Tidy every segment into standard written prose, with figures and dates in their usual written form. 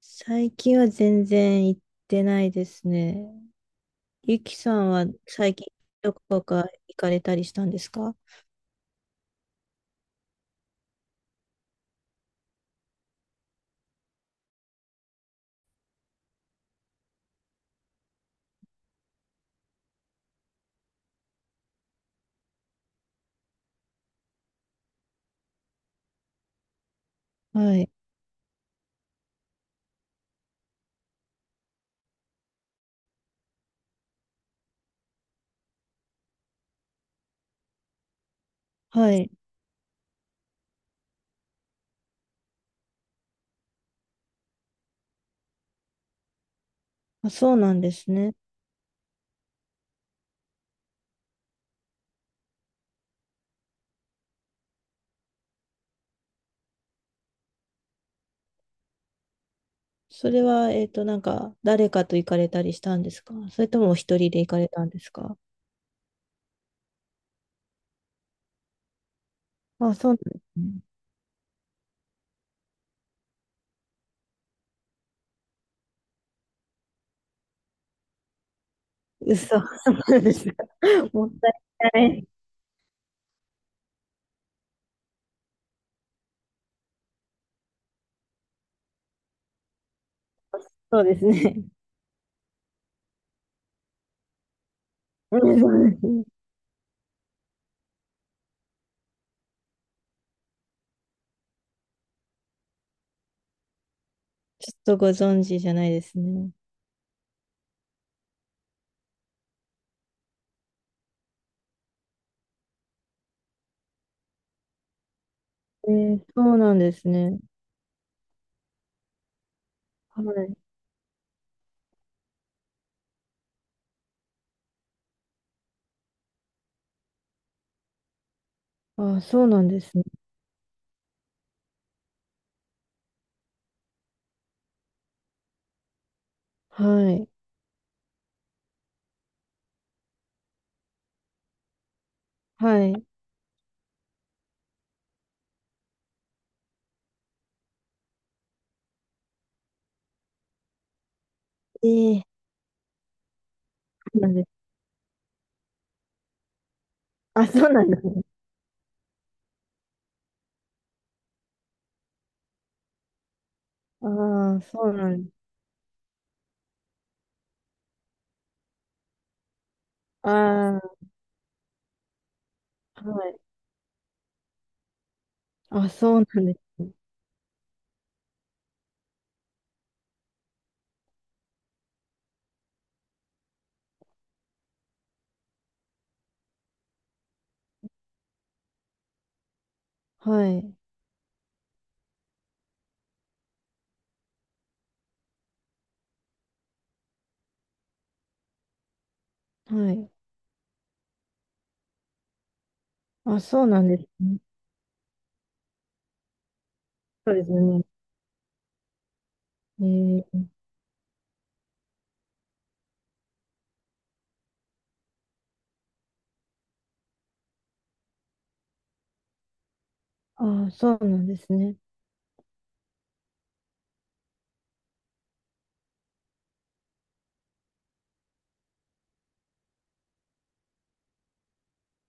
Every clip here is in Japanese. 最近は全然行ってないですね。ゆきさんは最近どこか行かれたりしたんですか？はい。はい。あ、そうなんですね。それは、なんか、誰かと行かれたりしたんですか？それともお一人で行かれたんですか？あ、そうなんですね。嘘、そうなんですか。もったいない。そうですね。うん。そうですね。ちょっとご存知じゃないですね。えー、そうなんですね。はい。あ、そうなんですね。はい。はい。ええ。そうなんです。あ、そうなんですね。ああ、そうなんです。ああ、はい。あ、そうなんですね。はい。はい。あ、そうなんですね。そうですね。えー。ああ、そうなんですね。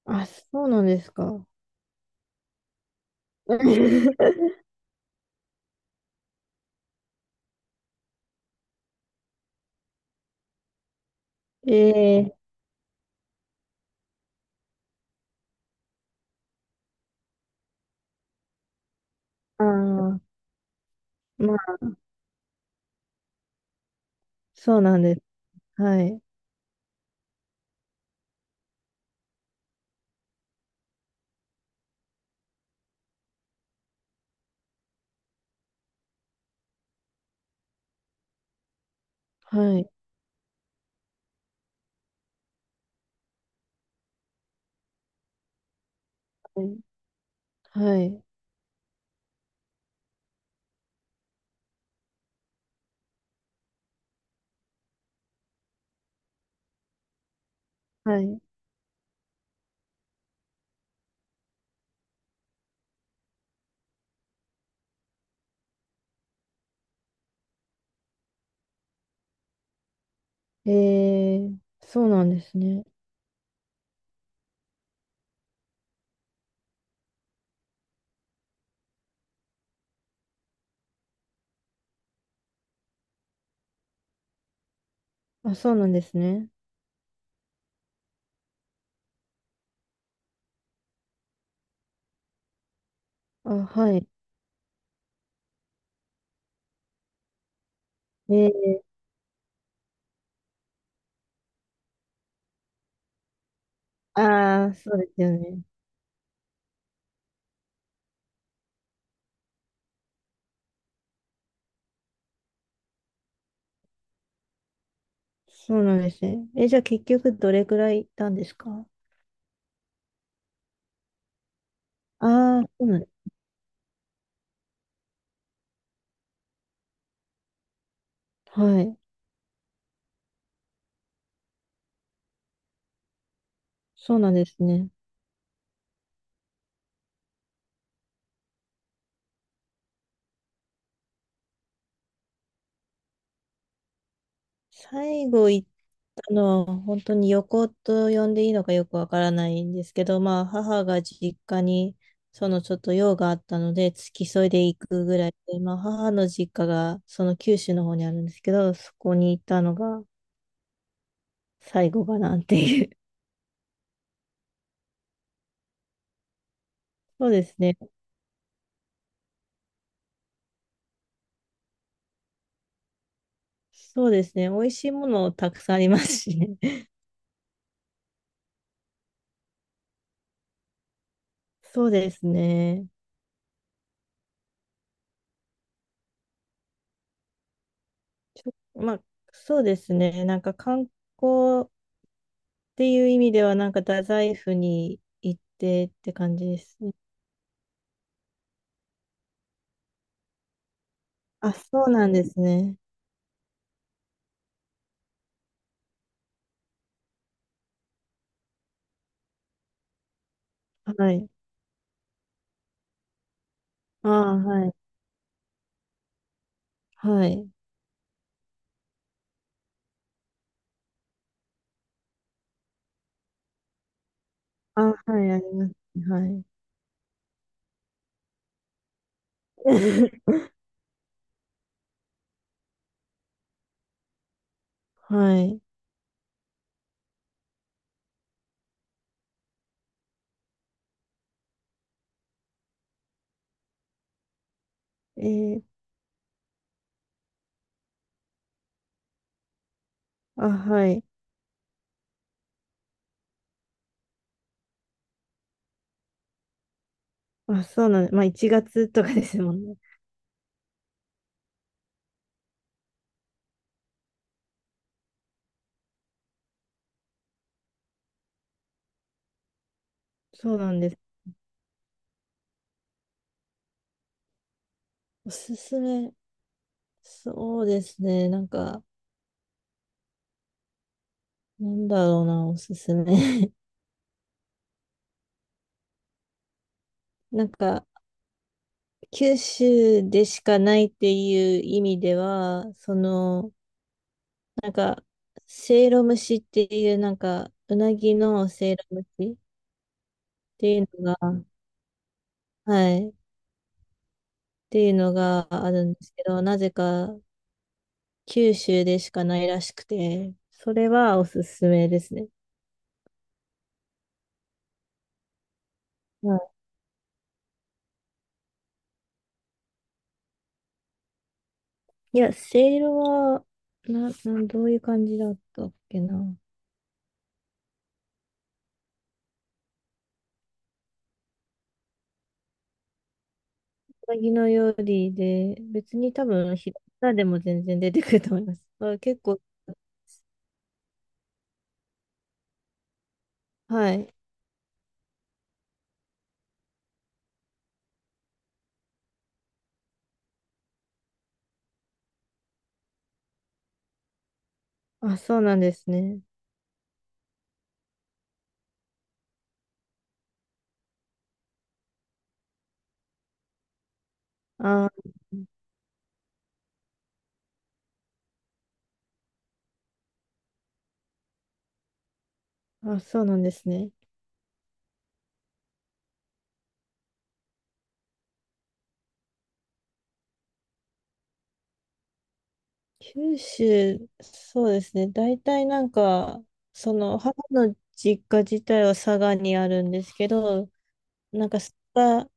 あ、そうなんですか。ええ。ああ、まあ、そうなんです。はい。はい。はい。はい。はい。えー。そうなんですね。あ、そうなんですね。あ、はい。えー。ああ、そうですよね。そうなんですね。え、じゃあ結局どれくらい行ったんですか？あ。あー、そうなん、はい。そうなんですね。最後行ったのは本当に旅行と呼んでいいのかよくわからないんですけど、まあ母が実家にそのちょっと用があったので付き添いで行くぐらいで、まあ母の実家がその九州の方にあるんですけど、そこに行ったのが最後かなっていう。そうですね。そうですね。美味しいものたくさんありますしね。そうですね。ちょまあ、そうですね。なんか観光っていう意味では、なんか太宰府に行ってって感じですね。あ、そうなんですね。はい。ああ、はい。はい。あ、はい、あります。はい。はい。えー、あ、はい。あ、そうなんまあ、1月とかですもんね。そうなんです。おすすめ。そうですね。なんか、なんだろうな、おすすめ。なんか、九州でしかないっていう意味では、その、なんか、せいろ蒸しっていう、なんか、うなぎのせいろ蒸しっていうのが、はい、っていうのがあるんですけど、なぜか九州でしかないらしくて、それはおすすめですね。はい。いや、せいろは、な、なん、どういう感じだったっけな。うなぎの料理で、別に多分、平仮名でも全然出てくると思います。あ、結構、はい。あ、そうなんですね。あー、あ、そうなんですね。九州、そうですね。大体なんか、その、母の実家自体は佐賀にあるんですけど、なんか佐賀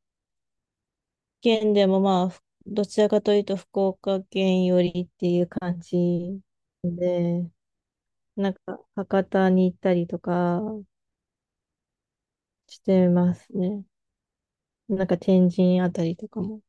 県でもまあ、どちらかというと福岡県寄りっていう感じで、なんか博多に行ったりとかしてますね。なんか天神あたりとかも。